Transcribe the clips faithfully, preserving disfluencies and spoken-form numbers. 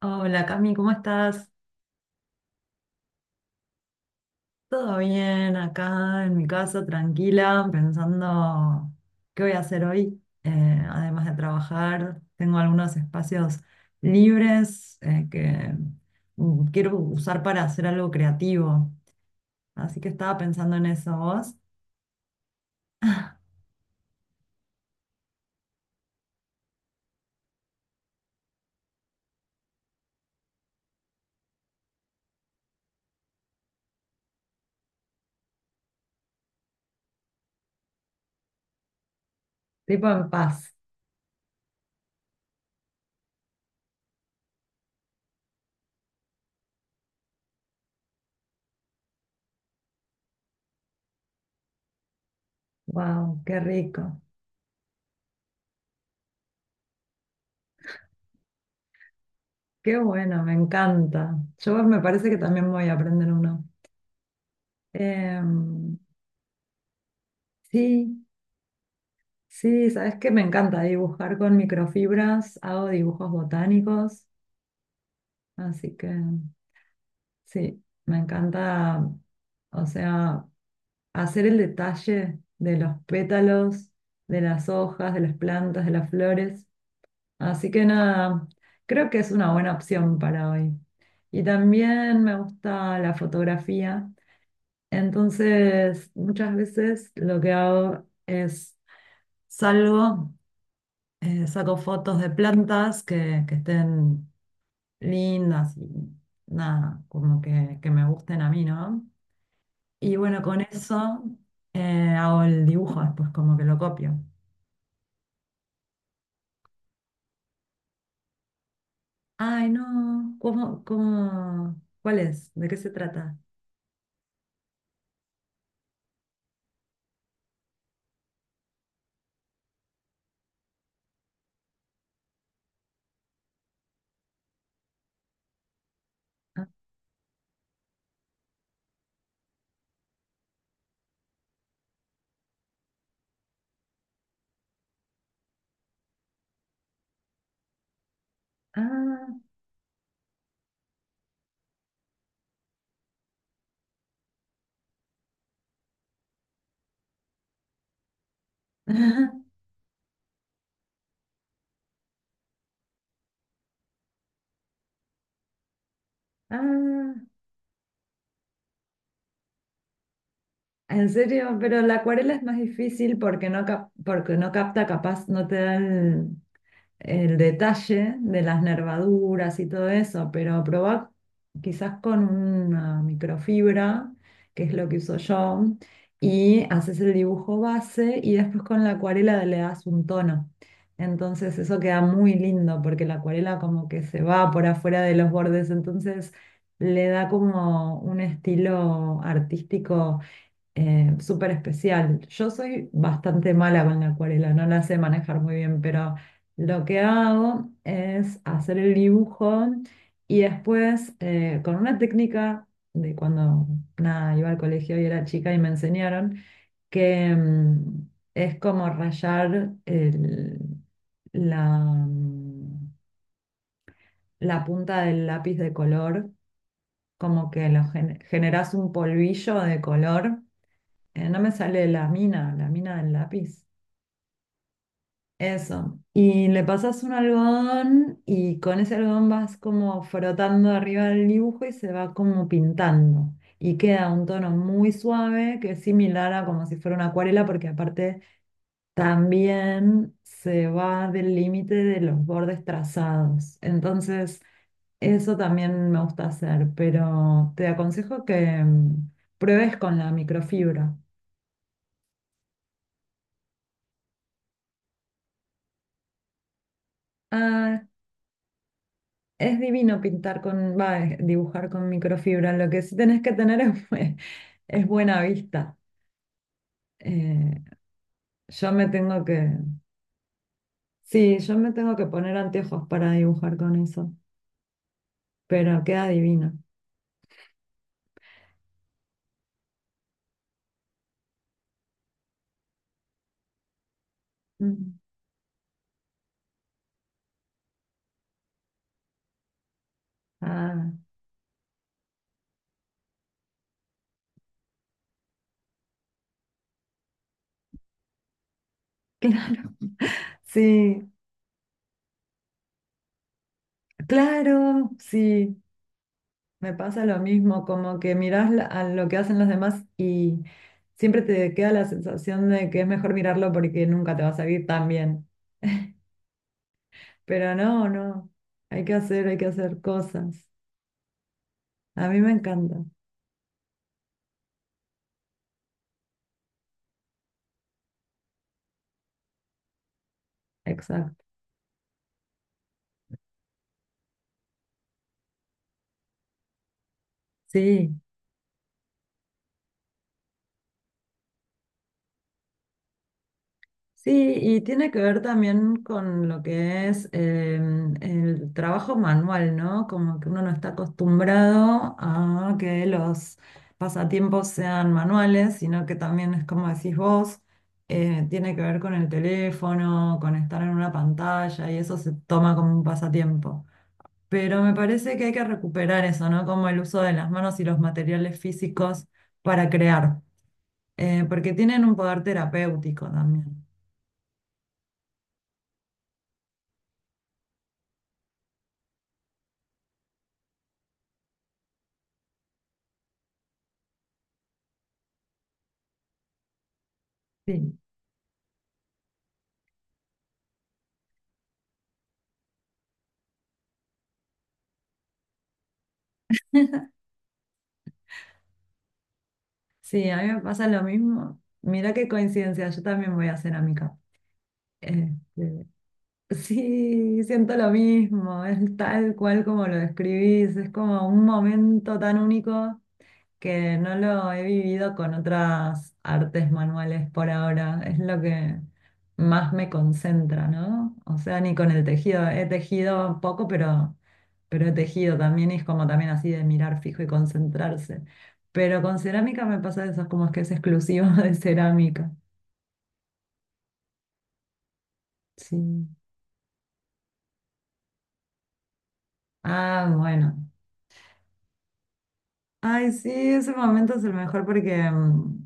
Hola, Cami, ¿cómo estás? ¿Todo bien? Acá en mi casa, tranquila, pensando qué voy a hacer hoy. Eh, además de trabajar, tengo algunos espacios libres eh, que mm, quiero usar para hacer algo creativo. Así que estaba pensando en eso. ¿Vos? Tipo en paz. Wow, qué rico. Qué bueno, me encanta. Yo, me parece que también voy a aprender uno. Em, sí. Sí, sabes que me encanta dibujar con microfibras, hago dibujos botánicos, así que sí, me encanta, o sea, hacer el detalle de los pétalos, de las hojas, de las plantas, de las flores. Así que nada, creo que es una buena opción para hoy. Y también me gusta la fotografía, entonces muchas veces lo que hago es salgo, eh, saco fotos de plantas que, que estén lindas y nada, como que, que me gusten a mí, ¿no? Y bueno, con eso eh, hago el dibujo después, como que lo copio. Ay, no, ¿cómo, cómo, cuál es? ¿De qué se trata? Ah, ah, ah, ¿en serio? Pero la acuarela es más difícil porque no, cap- porque no capta, capaz, no te da el- el detalle de las nervaduras y todo eso, pero probá quizás con una microfibra, que es lo que uso yo, y haces el dibujo base y después con la acuarela le das un tono. Entonces eso queda muy lindo porque la acuarela como que se va por afuera de los bordes, entonces le da como un estilo artístico eh, súper especial. Yo soy bastante mala con la acuarela, no la sé manejar muy bien, pero lo que hago es hacer el dibujo y después eh, con una técnica de cuando, nada, iba al colegio y era chica, y me enseñaron que, mm, es como rayar el- la, mm, la punta del lápiz de color, como que lo gen- generas un polvillo de color. Eh, no me sale la mina, la mina del lápiz. Eso. Y le pasas un algodón y con ese algodón vas como frotando arriba del dibujo y se va como pintando. Y queda un tono muy suave que es similar a como si fuera una acuarela, porque aparte también se va del límite de los bordes trazados. Entonces, eso también me gusta hacer, pero te aconsejo que, mm, pruebes con la microfibra. Ah. Es divino pintar con, va, eh, dibujar con microfibra. Lo que sí tenés que tener es, bue- es buena vista. Eh, yo me tengo que, sí, yo me tengo que poner anteojos para dibujar con eso, pero queda divino. Mm. Ah, claro, sí, claro, sí. Me pasa lo mismo, como que mirás la- a lo que hacen los demás, y siempre te queda la sensación de que es mejor mirarlo porque nunca te va a salir tan bien. Pero no, no. Hay que hacer, hay que hacer cosas. A mí me encanta. Exacto. Sí, sí, y tiene que ver también con lo que es, eh, el trabajo manual, ¿no? Como que uno no está acostumbrado a que los pasatiempos sean manuales, sino que también es como decís vos, eh, tiene que ver con el teléfono, con estar en una pantalla, y eso se toma como un pasatiempo. Pero me parece que hay que recuperar eso, ¿no? Como el uso de las manos y los materiales físicos para crear, eh, porque tienen un poder terapéutico también. Sí, sí, a mí me pasa lo mismo. Mira qué coincidencia, yo también voy a cerámica. Este, sí, siento lo mismo, es tal cual como lo describís, es como un momento tan único que no lo he vivido con otras artes manuales por ahora. Es lo que más me concentra, ¿no? O sea, ni con el tejido. He tejido poco, pero, pero he tejido también y es como también así de mirar fijo y concentrarse. Pero con cerámica me pasa eso, es como que es exclusivo de cerámica. Sí. Ah, bueno. Ay, sí, ese momento es el mejor porque, mm,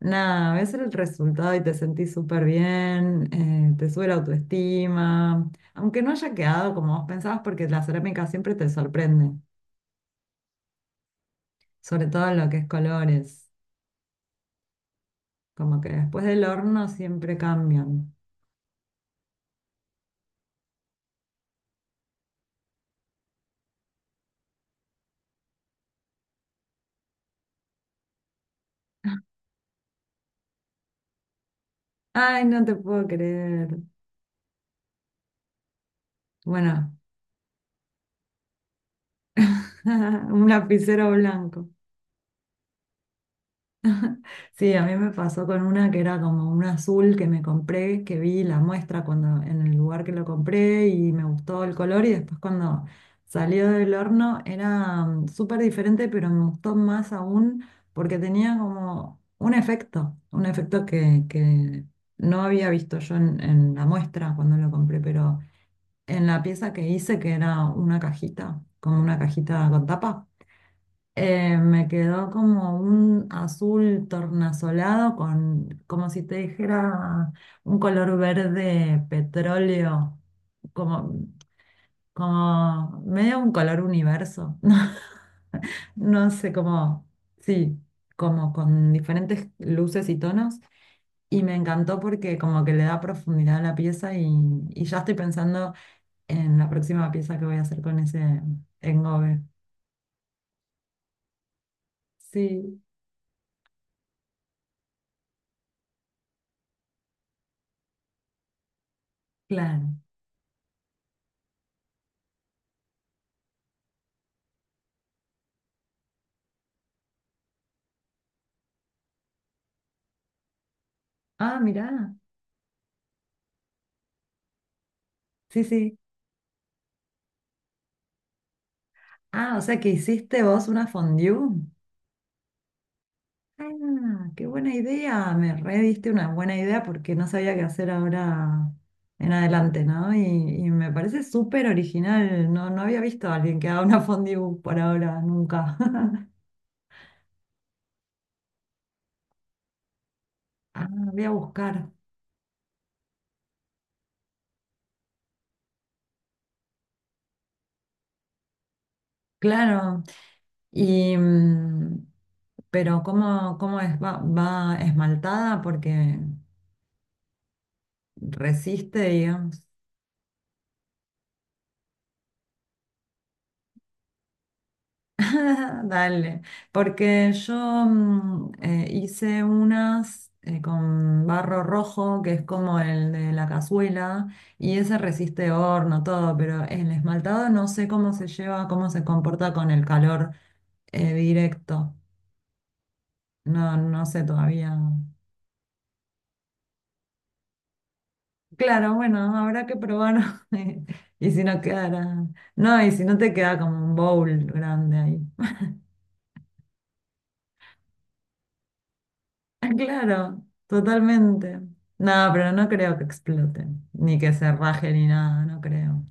nada, ves el resultado y te sentís súper bien, eh, te sube la autoestima, aunque no haya quedado como vos pensabas, porque la cerámica siempre te sorprende, sobre todo en lo que es colores, como que después del horno siempre cambian. Ay, no te puedo creer. Bueno, un lapicero blanco. Sí, a mí me pasó con una que era como un azul que me compré, que vi la muestra cuando, en el lugar que lo compré, y me gustó el color, y después cuando salió del horno era, mm, súper diferente, pero me gustó más aún porque tenía como un efecto, un efecto que, que no había visto yo en, en la muestra cuando lo compré, pero en la pieza que hice, que era una cajita, como una cajita con tapa. Eh, me quedó como un azul tornasolado con, como si te dijera, un color verde petróleo, como, como medio un color universo. No sé cómo, sí, como con diferentes luces y tonos. Y me encantó porque como que le da profundidad a la pieza, y, y ya estoy pensando en la próxima pieza que voy a hacer con ese engobe. Sí, claro. Ah, mirá. Sí, sí. Ah, o sea que hiciste vos una fondue. Ah, qué buena idea. Me rediste una buena idea porque no sabía qué hacer ahora en adelante, ¿no? Y, y me parece súper original. No, no había visto a alguien que haga una fondue por ahora, nunca. Ah, voy a buscar. Claro. Y, mm, pero ¿cómo, cómo es? ¿Va, va esmaltada? Porque resiste, digamos. Dale, porque yo, mm, eh, hice unas eh, con barro rojo, que es como el de la cazuela, y ese resiste horno, todo, pero el esmaltado no sé cómo se lleva, cómo se comporta con el calor, eh, directo. No, no sé todavía. Claro, bueno, habrá que probar. Y si no quedara, no, y si no te queda como un bowl grande ahí. Ah, claro, totalmente. No, pero no creo que explote, ni que se raje ni nada, no creo.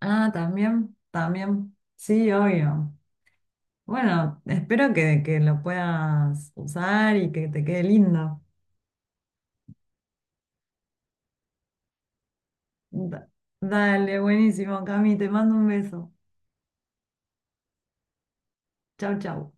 Ah, también, también. Sí, obvio. Bueno, espero que, que lo puedas usar y que te quede lindo. Da- Dale, buenísimo, Cami, te mando un beso. Chau, chau.